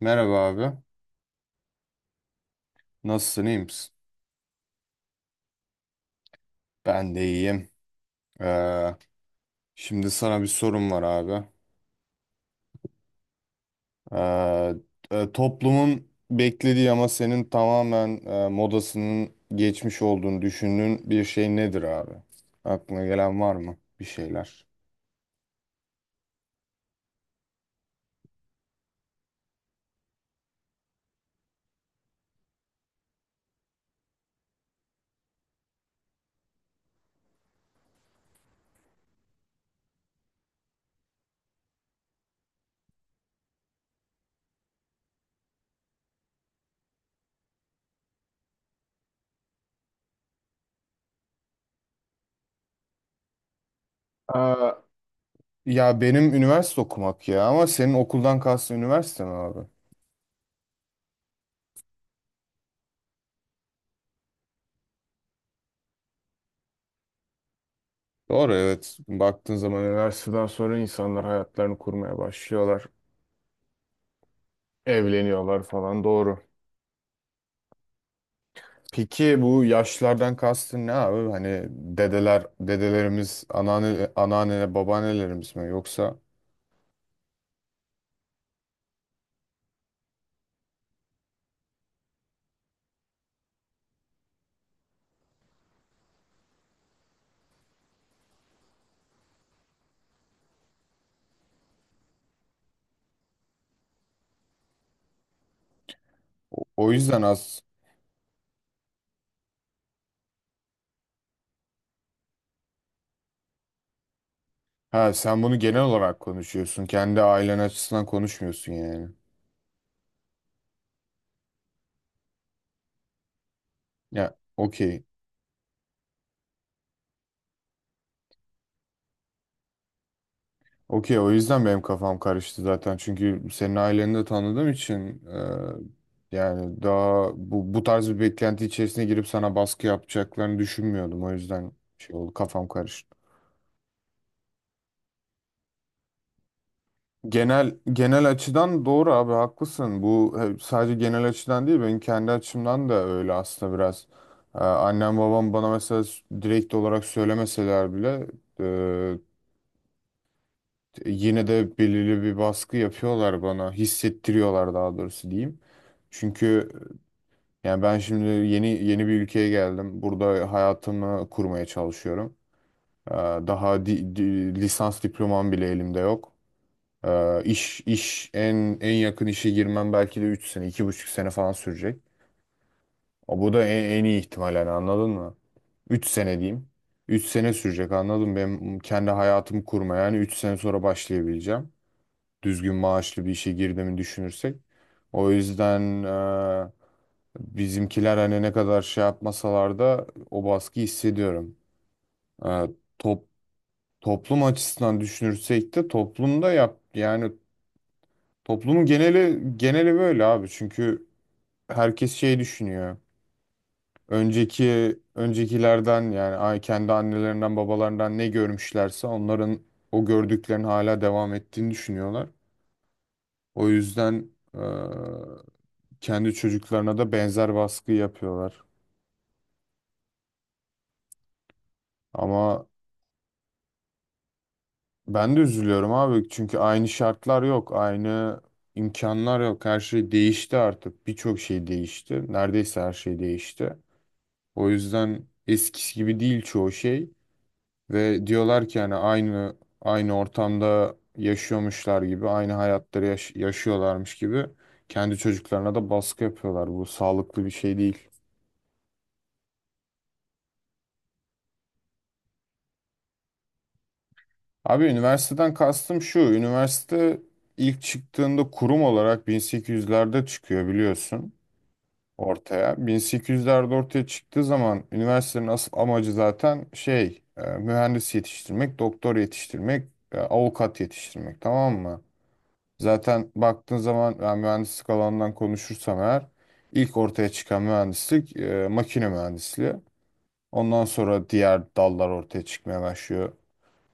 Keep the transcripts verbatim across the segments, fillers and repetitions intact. Merhaba abi. Nasılsın, iyi misin? Ben de iyiyim. Ee, şimdi sana bir sorum var abi. Ee, e, toplumun beklediği ama senin tamamen e, modasının geçmiş olduğunu düşündüğün bir şey nedir abi? Aklına gelen var mı bir şeyler? Ee, ya benim üniversite okumak ya ama senin okuldan kastın üniversite mi abi? Doğru evet. Baktığın zaman üniversiteden sonra insanlar hayatlarını kurmaya başlıyorlar. Evleniyorlar falan doğru. Peki bu yaşlardan kastın ne abi? Hani dedeler, dedelerimiz, anneanne, anneanne, babaannelerimiz mi? Yoksa? O yüzden az. Ha sen bunu genel olarak konuşuyorsun. Kendi ailen açısından konuşmuyorsun yani. Ya okey. Okey, o yüzden benim kafam karıştı zaten. Çünkü senin aileni de tanıdığım için e, yani daha bu, bu tarz bir beklenti içerisine girip sana baskı yapacaklarını düşünmüyordum. O yüzden şey oldu, kafam karıştı. Genel genel açıdan doğru abi, haklısın. Bu e, sadece genel açıdan değil benim kendi açımdan da öyle aslında biraz. Ee, annem babam bana mesela s- direkt olarak söylemeseler bile e, yine de belirli bir baskı yapıyorlar bana, hissettiriyorlar daha doğrusu diyeyim. Çünkü e, yani ben şimdi yeni yeni bir ülkeye geldim. Burada hayatımı kurmaya çalışıyorum. Ee, daha di- di- lisans diplomam bile elimde yok. Ee, iş iş en en yakın işe girmem belki de üç sene, iki buçuk sene falan sürecek. O, bu da en, en iyi ihtimal yani, anladın mı? Üç sene diyeyim. Üç sene sürecek, anladın mı? Benim kendi hayatımı kurmaya yani üç sene sonra başlayabileceğim. Düzgün maaşlı bir işe girdiğimi düşünürsek. O yüzden e, bizimkiler hani ne kadar şey yapmasalar da o baskıyı hissediyorum. E, top, toplum açısından düşünürsek de toplumda yap yani. Toplumun geneli geneli böyle abi. Çünkü herkes şey düşünüyor. Önceki öncekilerden yani ay- kendi annelerinden babalarından ne görmüşlerse onların o gördüklerini hala devam ettiğini düşünüyorlar. O yüzden e, kendi çocuklarına da benzer baskı yapıyorlar. Ama ben de üzülüyorum abi. Çünkü aynı şartlar yok, aynı imkanlar yok. Her şey değişti artık. Birçok şey değişti. Neredeyse her şey değişti. O yüzden eskisi gibi değil çoğu şey. Ve diyorlar ki hani aynı aynı ortamda yaşıyormuşlar gibi, aynı hayatları yaş- yaşıyorlarmış gibi kendi çocuklarına da baskı yapıyorlar. Bu sağlıklı bir şey değil. Abi üniversiteden kastım şu. Üniversite ilk çıktığında kurum olarak bin sekiz yüzlerde çıkıyor biliyorsun, ortaya. bin sekiz yüzlerde ortaya çıktığı zaman üniversitenin asıl amacı zaten şey e, mühendis yetiştirmek, doktor yetiştirmek, e, avukat yetiştirmek, tamam mı? Zaten baktığın zaman ben mühendislik alanından konuşursam eğer ilk ortaya çıkan mühendislik e, makine mühendisliği. Ondan sonra diğer dallar ortaya çıkmaya başlıyor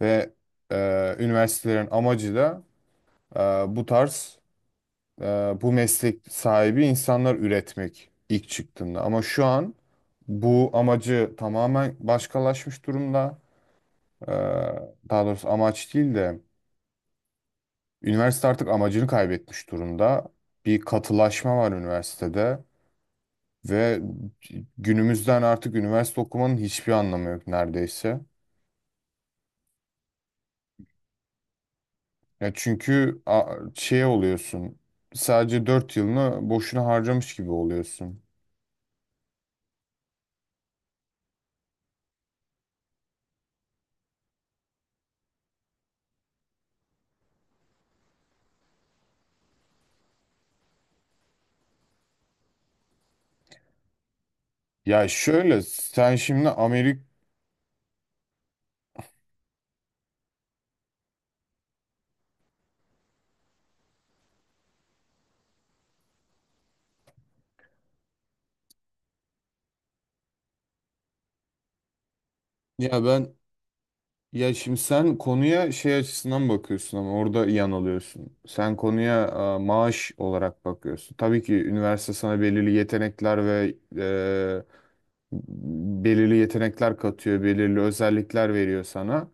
ve e, üniversitelerin amacı da e, bu tarz e, bu meslek sahibi insanlar üretmek, ilk çıktığında. Ama şu an bu amacı tamamen başkalaşmış durumda. E, daha doğrusu amaç değil de üniversite artık amacını kaybetmiş durumda. Bir katılaşma var üniversitede ve günümüzden artık üniversite okumanın hiçbir anlamı yok neredeyse. Ya çünkü a- şey oluyorsun. Sadece dört yılını boşuna harcamış gibi oluyorsun. Ya şöyle sen şimdi Amerika, ya ben, ya şimdi sen konuya şey açısından bakıyorsun ama orada yanılıyorsun. Sen konuya e, maaş olarak bakıyorsun. Tabii ki üniversite sana belirli yetenekler ve e, belirli yetenekler katıyor, belirli özellikler veriyor sana.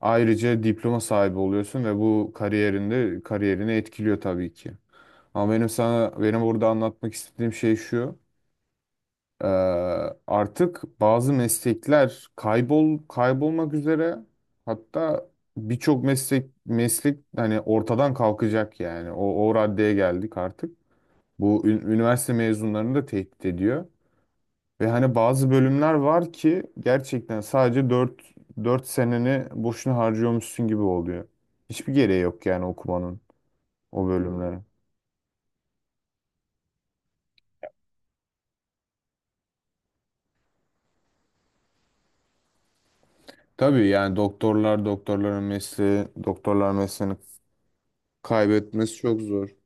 Ayrıca diploma sahibi oluyorsun ve bu kariyerinde kariyerini etkiliyor tabii ki. Ama benim sana benim burada anlatmak istediğim şey şu. Ee, artık bazı meslekler kaybol kaybolmak üzere, hatta birçok meslek meslek hani ortadan kalkacak yani o, o raddeye geldik artık. Bu ün- üniversite mezunlarını da tehdit ediyor. Ve hani bazı bölümler var ki gerçekten sadece dört dört seneni boşuna harcıyormuşsun gibi oluyor. Hiçbir gereği yok yani okumanın o bölümlere. Tabii yani doktorlar doktorların mesleği doktorlar mesleğini kaybetmesi çok zor.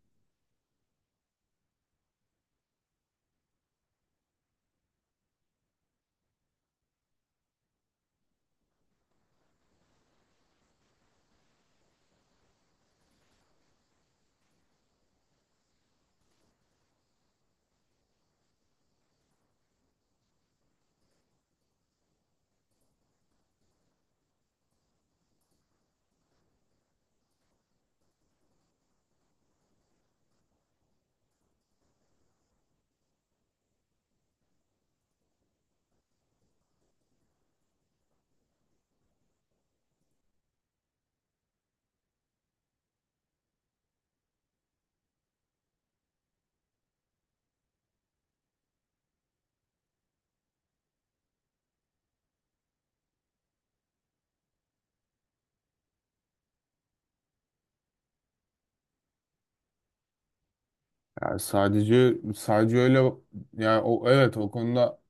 Yani sadece sadece öyle yani, o evet o konuda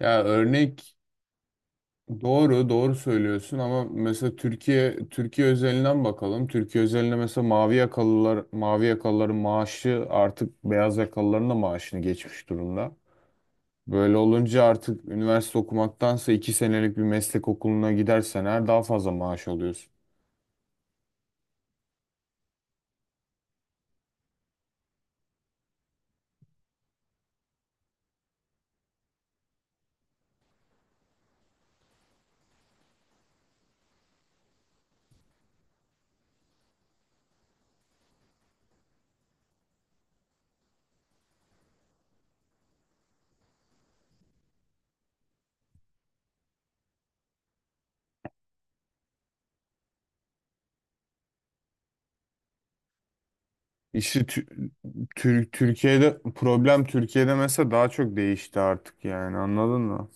ya örnek, doğru doğru söylüyorsun ama mesela Türkiye Türkiye özelinden bakalım. Türkiye özelinde mesela mavi yakalılar mavi yakalıların maaşı artık beyaz yakalıların da maaşını geçmiş durumda. Böyle olunca artık üniversite okumaktansa iki senelik bir meslek okuluna gidersen her daha fazla maaş alıyorsun. İşte Tü- Tür- Türkiye'de problem Türkiye'de mesela daha çok değişti artık yani, anladın mı?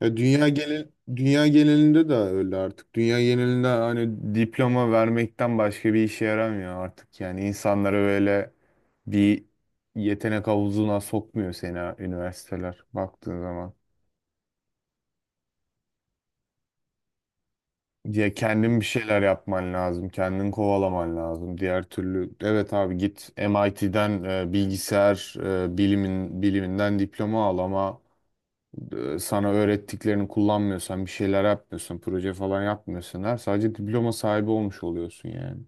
Ya dünya genel dünya genelinde de öyle artık. Dünya genelinde hani diploma vermekten başka bir işe yaramıyor artık. Yani insanlara böyle bir yetenek havuzuna sokmuyor seni ha- üniversiteler baktığın zaman. Ya kendin bir şeyler yapman lazım, kendin kovalaman lazım. Diğer türlü evet abi, git M I T'den e, bilgisayar e, bilimin biliminden diploma al ama e, sana öğrettiklerini kullanmıyorsan, bir şeyler yapmıyorsan, proje falan yapmıyorsan her sadece diploma sahibi olmuş oluyorsun yani.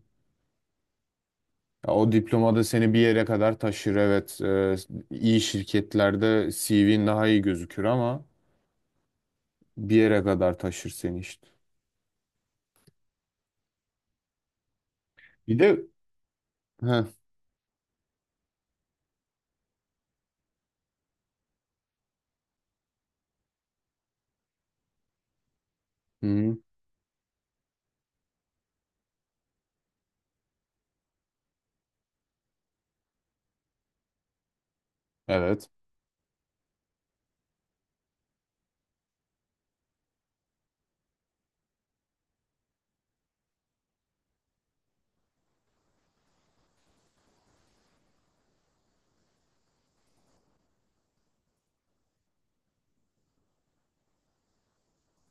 Ya o diploma da seni bir yere kadar taşır. Evet, e, iyi şirketlerde C V'nin daha iyi gözükür ama bir yere kadar taşır seni işte. Bir de. Heh. Hı hı. Evet.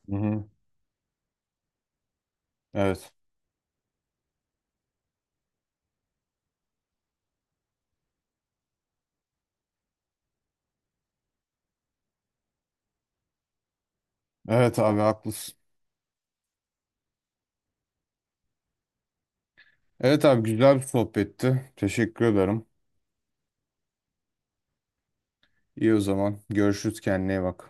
Hı hı. Evet. Evet abi haklısın. Evet abi, güzel bir sohbetti. Teşekkür ederim. İyi o zaman. Görüşürüz, kendine iyi bak.